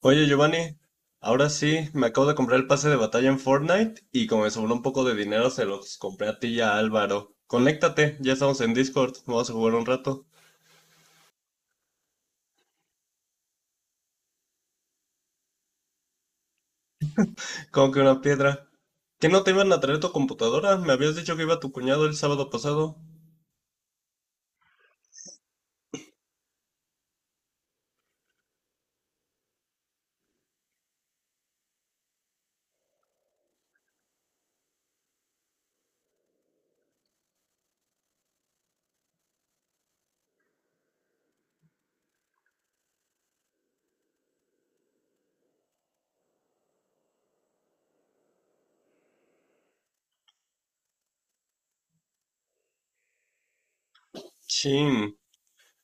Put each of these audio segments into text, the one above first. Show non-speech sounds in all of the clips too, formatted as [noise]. Oye Giovanni, ahora sí, me acabo de comprar el pase de batalla en Fortnite y como me sobró un poco de dinero se los compré a ti y a Álvaro. Conéctate, ya estamos en Discord, vamos a jugar un rato. ¿Como que una piedra? ¿Que no te iban a traer tu computadora? Me habías dicho que iba tu cuñado el sábado pasado. Chin,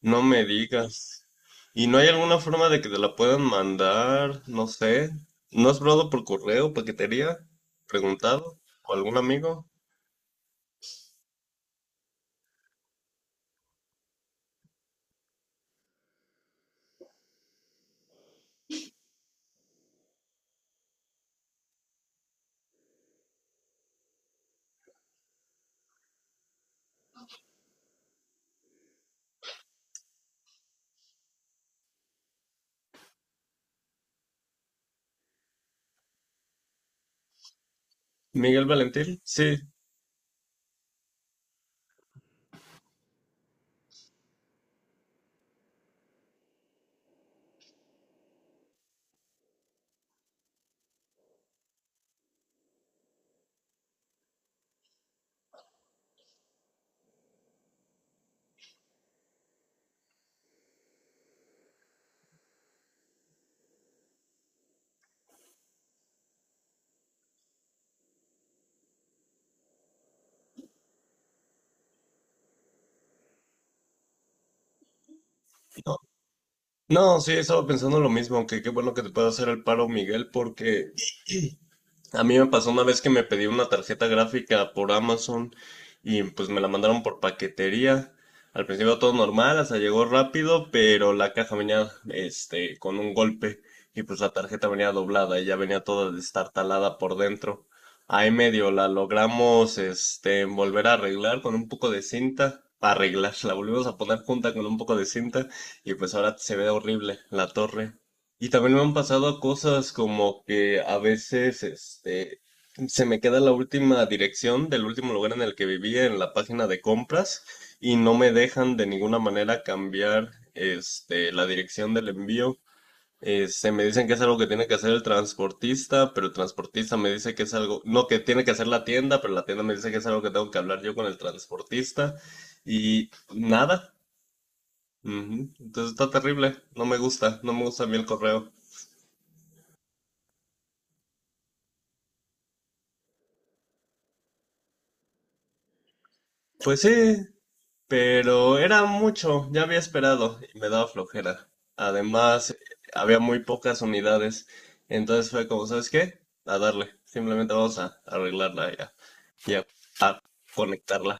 no me digas. ¿Y no hay alguna forma de que te la puedan mandar? No sé. ¿No has probado por correo, paquetería? ¿Preguntado? ¿O algún amigo? ¿Miguel Valentín? Sí. No, sí, estaba pensando lo mismo, que qué bueno que te pueda hacer el paro, Miguel, porque a mí me pasó una vez que me pedí una tarjeta gráfica por Amazon y pues me la mandaron por paquetería. Al principio todo normal, hasta llegó rápido, pero la caja venía este con un golpe y pues la tarjeta venía doblada y ya venía toda destartalada por dentro. Ahí medio la logramos este volver a arreglar con un poco de cinta, arreglar, [laughs] la volvimos a poner junta con un poco de cinta y pues ahora se ve horrible la torre. Y también me han pasado cosas como que a veces, este, se me queda la última dirección del último lugar en el que vivía en la página de compras y no me dejan de ninguna manera cambiar, este, la dirección del envío. Se me dicen que es algo que tiene que hacer el transportista, pero el transportista me dice que es algo, no, que tiene que hacer la tienda, pero la tienda me dice que es algo que tengo que hablar yo con el transportista y nada. Ujú. Entonces está terrible, no me gusta, no me gusta a mí el correo. Pues sí, pero era mucho, ya había esperado y me daba flojera. Además, había muy pocas unidades, entonces fue como, ¿sabes qué? A darle, simplemente vamos a arreglarla y a conectarla.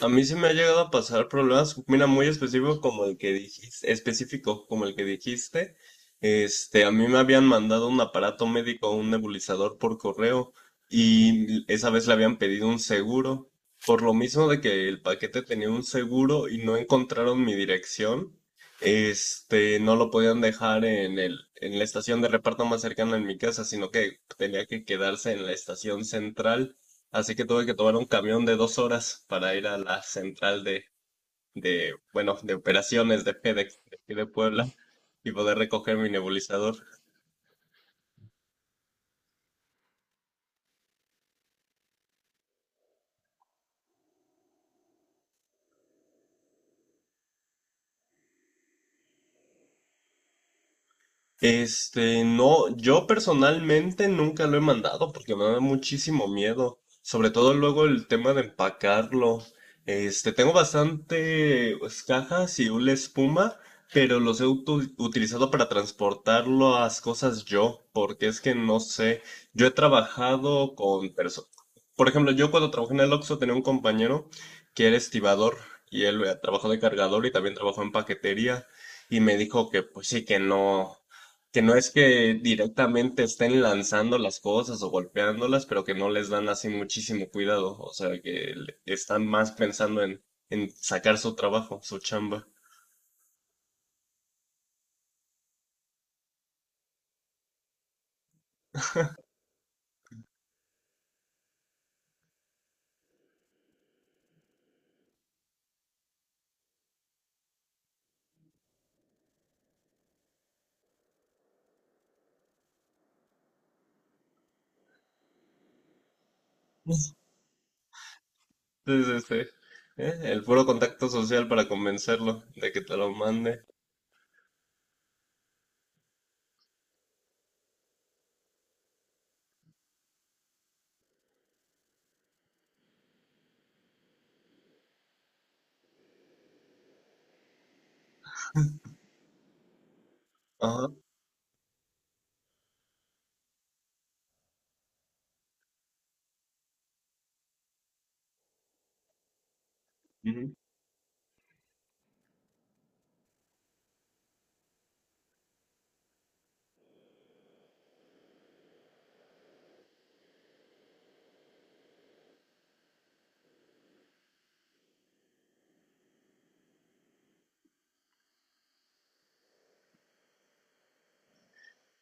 A mí se me ha llegado a pasar problemas, mira, muy específico como el que dijiste, específico como el que dijiste. Este, a mí me habían mandado un aparato médico, un nebulizador por correo y esa vez le habían pedido un seguro. Por lo mismo de que el paquete tenía un seguro y no encontraron mi dirección, este, no lo podían dejar en el, en la estación de reparto más cercana en mi casa, sino que tenía que quedarse en la estación central. Así que tuve que tomar un camión de 2 horas para ir a la central de, bueno, de operaciones de FedEx de aquí de Puebla y poder recoger mi nebulizador. Este, no, yo personalmente nunca lo he mandado porque me da muchísimo miedo, sobre todo luego el tema de empacarlo. Este, tengo bastante pues, cajas y una espuma, pero los he utilizado para transportarlo a las cosas yo, porque es que no sé, yo he trabajado con personas. Por ejemplo, yo cuando trabajé en el Oxxo tenía un compañero que era estibador y él trabajó de cargador y también trabajó en paquetería y me dijo que pues sí que no. Que no es que directamente estén lanzando las cosas o golpeándolas, pero que no les dan así muchísimo cuidado. O sea, que están más pensando en sacar su trabajo, su chamba. Sí, sí, sí. ¿Eh? El puro contacto social para convencerlo de que te lo mande. Ajá.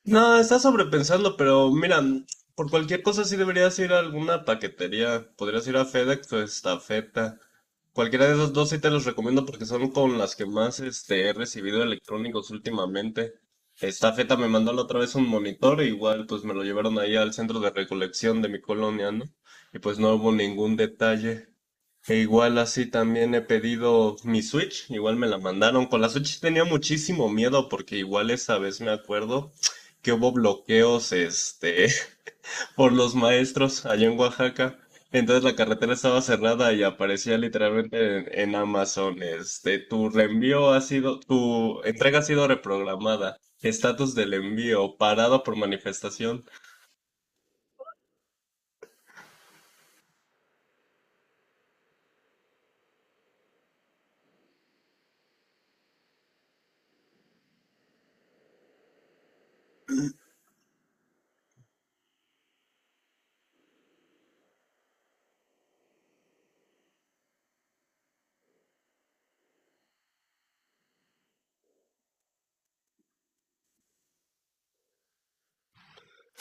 No, estás sobrepensando, pero mira, por cualquier cosa sí deberías ir a alguna paquetería. Podrías ir a FedEx o Estafeta. Cualquiera de esas dos sí te los recomiendo porque son con las que más este, he recibido electrónicos últimamente. Estafeta me mandó la otra vez un monitor, e igual pues me lo llevaron ahí al centro de recolección de mi colonia, ¿no? Y pues no hubo ningún detalle. E igual así también he pedido mi Switch, igual me la mandaron. Con la Switch tenía muchísimo miedo porque igual esa vez me acuerdo que hubo bloqueos este, [laughs] por los maestros allá en Oaxaca. Entonces la carretera estaba cerrada y aparecía literalmente en Amazon, este, tu reenvío ha sido, tu entrega ha sido reprogramada, estatus del envío, parado por manifestación.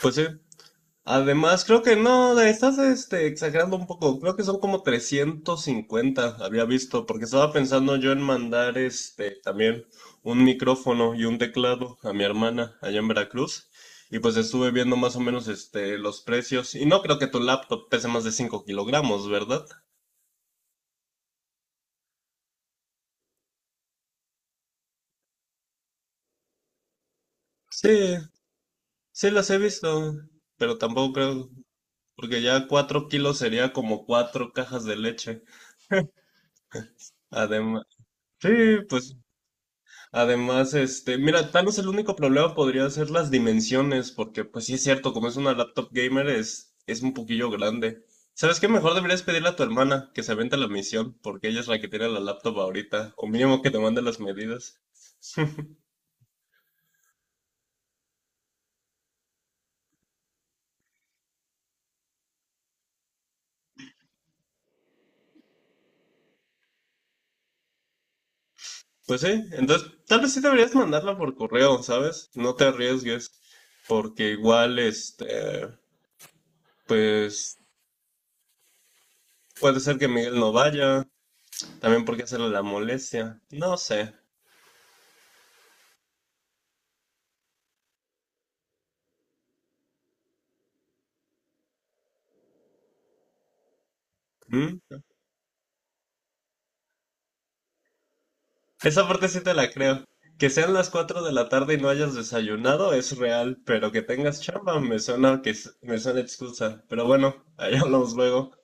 Pues sí. Además, creo que no, la estás este, exagerando un poco. Creo que son como 350 había visto, porque estaba pensando yo en mandar este también un micrófono y un teclado a mi hermana allá en Veracruz. Y pues estuve viendo más o menos este los precios. Y no creo que tu laptop pese más de 5 kilogramos, ¿verdad? Sí, sí las he visto, pero tampoco creo, porque ya 4 kilos sería como 4 cajas de leche. Además, sí, pues. Además, este, mira, tal vez el único problema podría ser las dimensiones, porque pues sí es cierto, como es una laptop gamer es un poquillo grande. ¿Sabes qué? Mejor deberías pedirle a tu hermana que se avente la misión, porque ella es la que tiene la laptop ahorita, o mínimo que te mande las medidas. Pues sí, entonces tal vez sí deberías mandarla por correo, ¿sabes? No te arriesgues, porque igual, este, pues puede ser que Miguel no vaya, también porque hacerle la molestia, no sé. ¿Mm? Esa parte sí te la creo. Que sean las 4 de la tarde y no hayas desayunado es real, pero que tengas chamba me suena excusa. Pero bueno, ahí hablamos luego.